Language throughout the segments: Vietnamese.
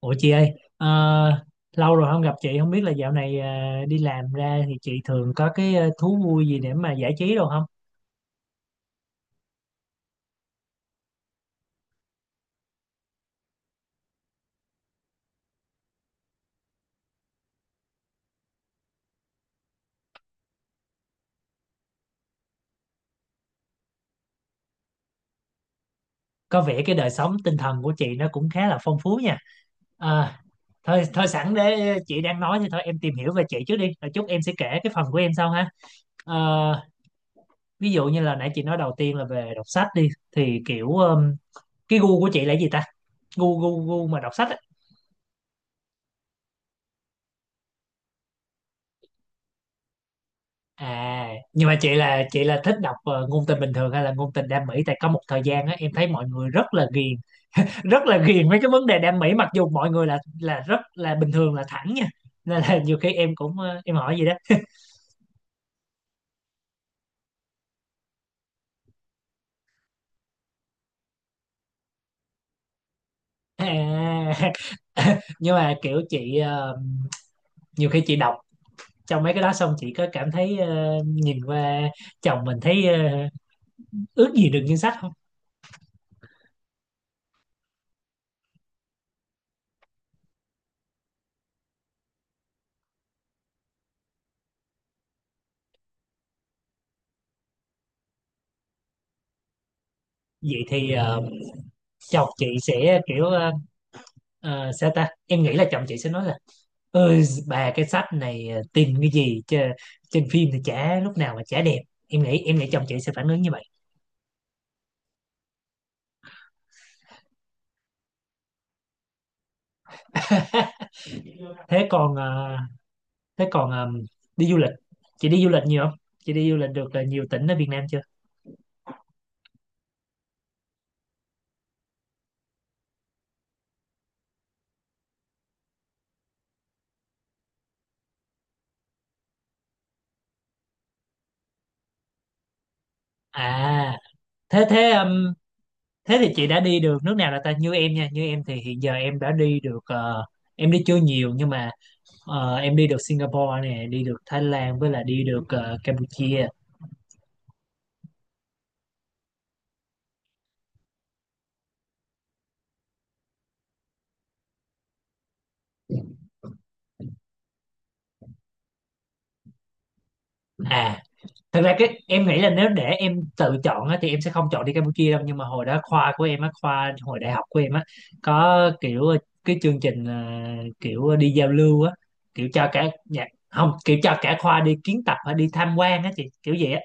Ủa chị ơi, ờ, lâu rồi không gặp chị, không biết là dạo này đi làm ra thì chị thường có cái thú vui gì để mà giải trí đâu không? Có vẻ cái đời sống tinh thần của chị nó cũng khá là phong phú nha. Ờ, thôi thôi sẵn để chị đang nói thì thôi em tìm hiểu về chị trước đi, rồi chút em sẽ kể cái phần của em sau ha. Ờ, ví dụ như là nãy chị nói đầu tiên là về đọc sách đi, thì kiểu cái gu của chị là gì ta? Gu gu gu mà đọc sách á? À, nhưng mà chị là thích đọc ngôn tình bình thường hay là ngôn tình đam mỹ, tại có một thời gian á em thấy mọi người rất là ghiền mấy cái vấn đề đam mỹ, mặc dù mọi người là rất là bình thường là thẳng nha. Nên là nhiều khi em cũng em hỏi gì đó. À, nhưng mà kiểu nhiều khi chị đọc trong mấy cái đó xong chị có cảm thấy nhìn qua chồng mình thấy ước gì được như sách không? Vậy thì chồng chị sẽ kiểu sao ta? Em nghĩ là chồng chị sẽ nói, ơi bà, cái sách này tin cái gì chứ, trên phim thì chả lúc nào mà chả đẹp, em nghĩ chồng chị sẽ phản ứng như vậy. thế còn ờ, thế còn đi du lịch, chị đi du lịch nhiều không, chị đi du lịch được nhiều tỉnh ở Việt Nam chưa? À, thế thế thế thì chị đã đi được nước nào là ta, như em nha. Như em thì hiện giờ em đã đi được ờ, em đi chưa nhiều, nhưng mà em đi được Singapore nè, đi được Thái Lan, với là đi được Campuchia. À, thật ra cái em nghĩ là nếu để em tự chọn á, thì em sẽ không chọn đi Campuchia đâu, nhưng mà hồi đó khoa của em á, khoa hồi đại học của em á, có kiểu cái chương trình à, kiểu đi giao lưu á, kiểu cho cả dạ, không, kiểu cho cả khoa đi kiến tập hay đi tham quan á chị, kiểu vậy á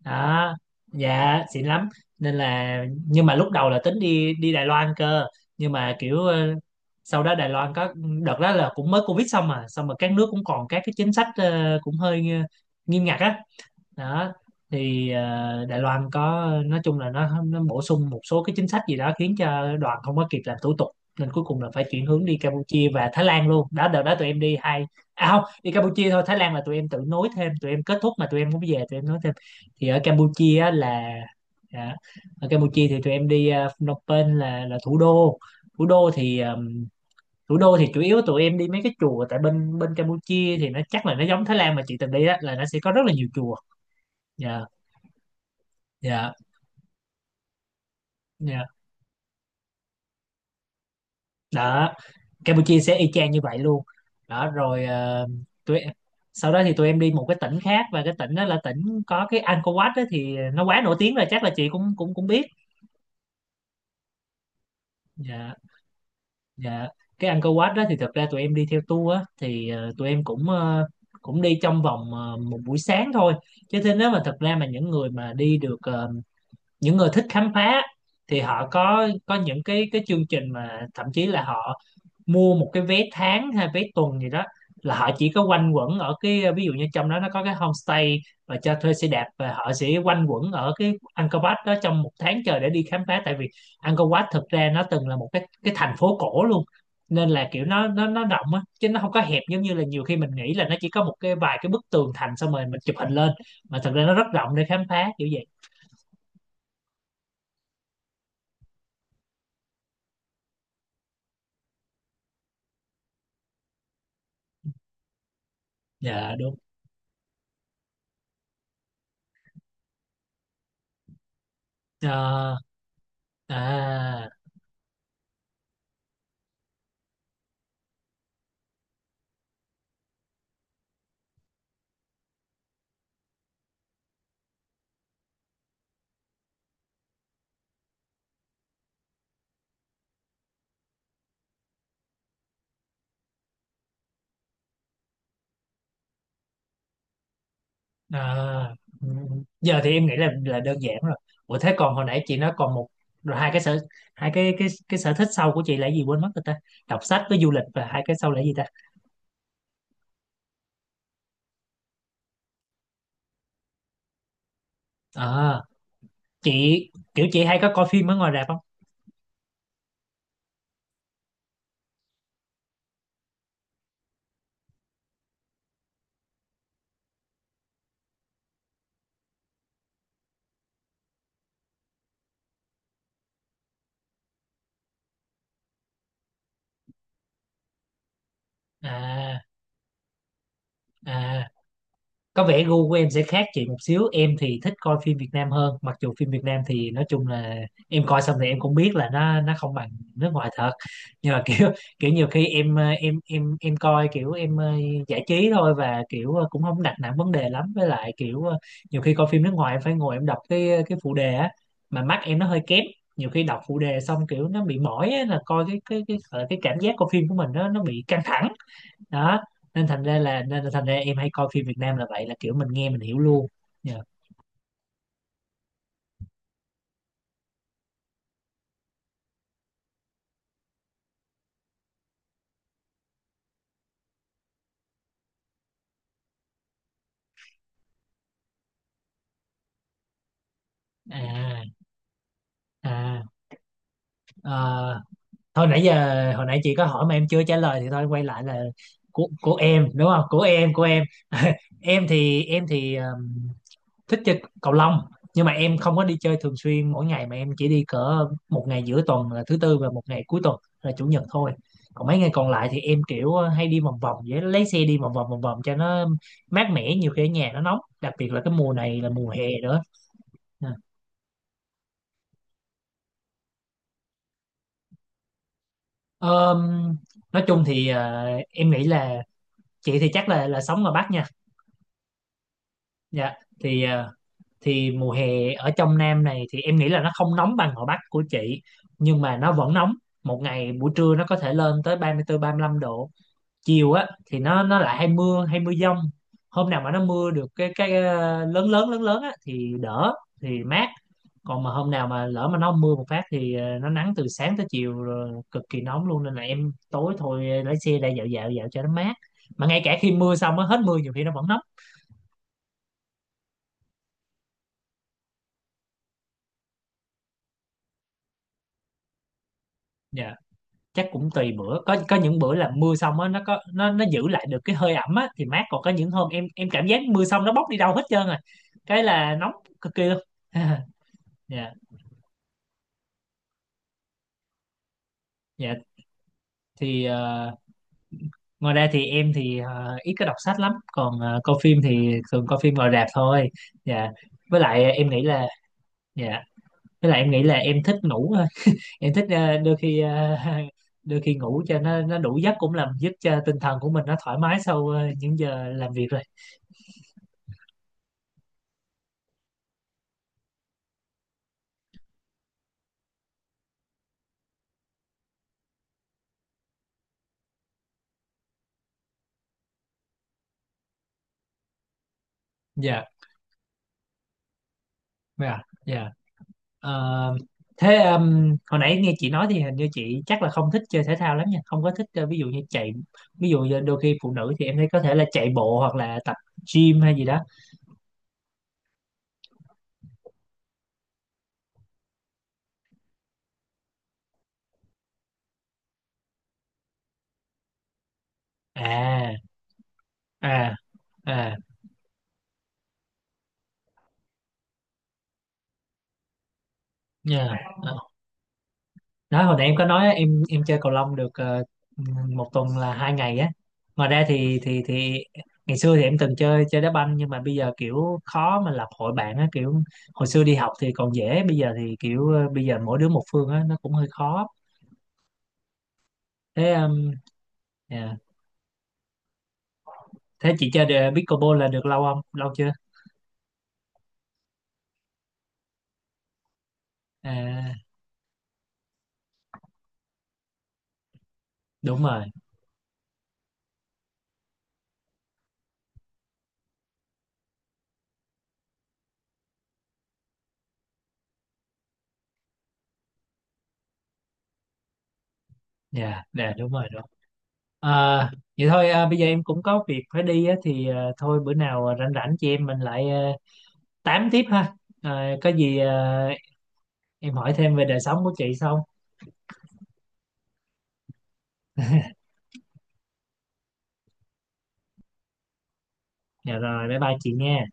đó. Dạ xịn lắm. Nên là, nhưng mà lúc đầu là tính đi đi Đài Loan cơ, nhưng mà kiểu sau đó Đài Loan có, đợt đó là cũng mới Covid xong mà các nước cũng còn các cái chính sách cũng hơi nghiêm ngặt á. Đó thì Đài Loan có, nói chung là nó bổ sung một số cái chính sách gì đó khiến cho đoàn không có kịp làm thủ tục. Nên cuối cùng là phải chuyển hướng đi Campuchia và Thái Lan luôn, đó đợt đó tụi em đi hai, à không, đi Campuchia thôi, Thái Lan là tụi em tự nối thêm, tụi em kết thúc mà tụi em muốn về tụi em nối thêm. Thì ở Campuchia á là, dạ, ở Campuchia thì tụi em đi Phnom Penh, là thủ đô. Thủ đô thì ờm, thủ đô thì chủ yếu tụi em đi mấy cái chùa, tại bên bên Campuchia thì nó, chắc là nó giống Thái Lan mà chị từng đi á, là nó sẽ có rất là nhiều chùa. Dạ, dạ, dạ. Đó, Campuchia sẽ y chang như vậy luôn. Đó rồi, tụi em- sau đó thì tụi em đi một cái tỉnh khác, và cái tỉnh đó là tỉnh có cái Angkor Wat. Đó thì nó quá nổi tiếng rồi, chắc là chị cũng cũng cũng biết. Dạ, dạ. Cái Angkor Wat đó thì thực ra tụi em đi theo tour á, thì tụi em cũng đi trong vòng một buổi sáng thôi. Chứ thế, nếu mà thực ra mà những người mà đi được ờ, những người thích khám phá, thì họ có những cái chương trình mà thậm chí là họ mua một cái vé tháng hay vé tuần gì đó, là họ chỉ có quanh quẩn ở cái, ví dụ như trong đó nó có cái homestay và cho thuê xe đạp, và họ sẽ quanh quẩn ở cái Angkor Wat đó trong một tháng trời để đi khám phá. Tại vì Angkor Wat thực ra nó từng là một cái thành phố cổ luôn, nên là kiểu nó rộng á, chứ nó không có hẹp giống như là nhiều khi mình nghĩ là nó chỉ có một cái vài cái bức tường thành xong rồi mình chụp hình lên, mà thật ra nó rất rộng để khám phá kiểu vậy. Dạ đúng. Ờ, à. À, ừ. Ừ. Giờ thì em nghĩ là đơn giản rồi. Ủa thế còn hồi nãy chị nói còn một, rồi hai cái sở thích sau của chị là gì, quên mất rồi ta? Đọc sách với du lịch, và hai cái sau là gì ta? À, chị hay có coi phim ở ngoài rạp không? À, à. Có vẻ gu của em sẽ khác chị một xíu, em thì thích coi phim Việt Nam hơn, mặc dù phim Việt Nam thì nói chung là em coi xong thì em cũng biết là nó không bằng nước ngoài thật. Nhưng mà kiểu kiểu nhiều khi em coi kiểu em giải trí thôi, và kiểu cũng không đặt nặng vấn đề lắm, với lại kiểu nhiều khi coi phim nước ngoài em phải ngồi em đọc cái phụ đề á, mà mắt em nó hơi kém, nhiều khi đọc phụ đề xong kiểu nó bị mỏi á, là coi cái cảm giác coi phim của mình nó bị căng thẳng. Đó nên, thành ra là nên là thành ra em hay coi phim Việt Nam là vậy, là kiểu mình nghe mình hiểu luôn. Dạ. À. À. Ờ, thôi nãy giờ hồi nãy chị có hỏi mà em chưa trả lời, thì thôi quay lại là, của em đúng không, của em, của em. Em thì thích chơi cầu lông, nhưng mà em không có đi chơi thường xuyên mỗi ngày, mà em chỉ đi cỡ một ngày giữa tuần là thứ Tư, và một ngày cuối tuần là chủ nhật thôi. Còn mấy ngày còn lại thì em kiểu hay đi vòng vòng vậy, lấy xe đi vòng vòng vòng vòng cho nó mát mẻ, nhiều khi ở nhà nó nóng, đặc biệt là cái mùa này là mùa hè nữa nè. Ờm, nói chung thì em nghĩ là chị thì chắc là sống ở Bắc nha. Dạ, thì thì mùa hè ở trong Nam này thì em nghĩ là nó không nóng bằng ở Bắc của chị, nhưng mà nó vẫn nóng. Một ngày buổi trưa nó có thể lên tới 34 35 độ, chiều á thì nó lại hay mưa, hay mưa dông. Hôm nào mà nó mưa được cái lớn lớn lớn lớn á thì đỡ, thì mát. Còn mà hôm nào mà lỡ mà nó mưa một phát thì nó nắng từ sáng tới chiều rồi cực kỳ nóng luôn, nên là em tối thôi lái xe ra dạo dạo dạo cho nó mát, mà ngay cả khi mưa xong á, hết mưa nhiều khi nó vẫn nóng. Dạ. Chắc cũng tùy bữa, có những bữa là mưa xong á, nó có nó giữ lại được cái hơi ẩm á thì mát, còn có những hôm em cảm giác mưa xong nó bốc đi đâu hết trơn rồi, cái là nóng cực kỳ luôn. Dạ. Dạ, thì ngoài ra thì em thì ít có đọc sách lắm, còn coi phim thì thường coi phim ngoài rạp thôi. Dạ, với lại em nghĩ là, dạ em thích ngủ thôi. Em thích đôi khi đôi khi ngủ cho nó đủ giấc, cũng làm giúp cho tinh thần của mình nó thoải mái sau những giờ làm việc rồi. Dạ. Dạ, dạ. Ờ, thế hồi nãy nghe chị nói thì hình như chị chắc là không thích chơi thể thao lắm nha, không có thích ví dụ như chạy, ví dụ như đôi khi phụ nữ thì em thấy có thể là chạy bộ hoặc là tập gym hay gì đó. À, à, à, nha. Đó, hồi nãy em có nói em chơi cầu lông được một tuần là hai ngày á, ngoài ra thì ngày xưa thì em từng chơi chơi đá banh, nhưng mà bây giờ kiểu khó mà lập hội bạn á, kiểu hồi xưa đi học thì còn dễ, bây giờ thì kiểu ờ, bây giờ mỗi đứa một phương á, nó cũng hơi khó. Thế um, yeah. Thế chị chơi pickleball là được lâu không, lâu chưa? À, đúng rồi. Dạ, dạ, đúng rồi, đúng. À, vậy thôi, à, bây giờ em cũng có việc phải đi á thì, à, thôi bữa nào rảnh rảnh chị em mình lại tám tiếp ha. Rồi, có gì em hỏi thêm về đời sống của chị xong. Dạ rồi, bye bye chị nha.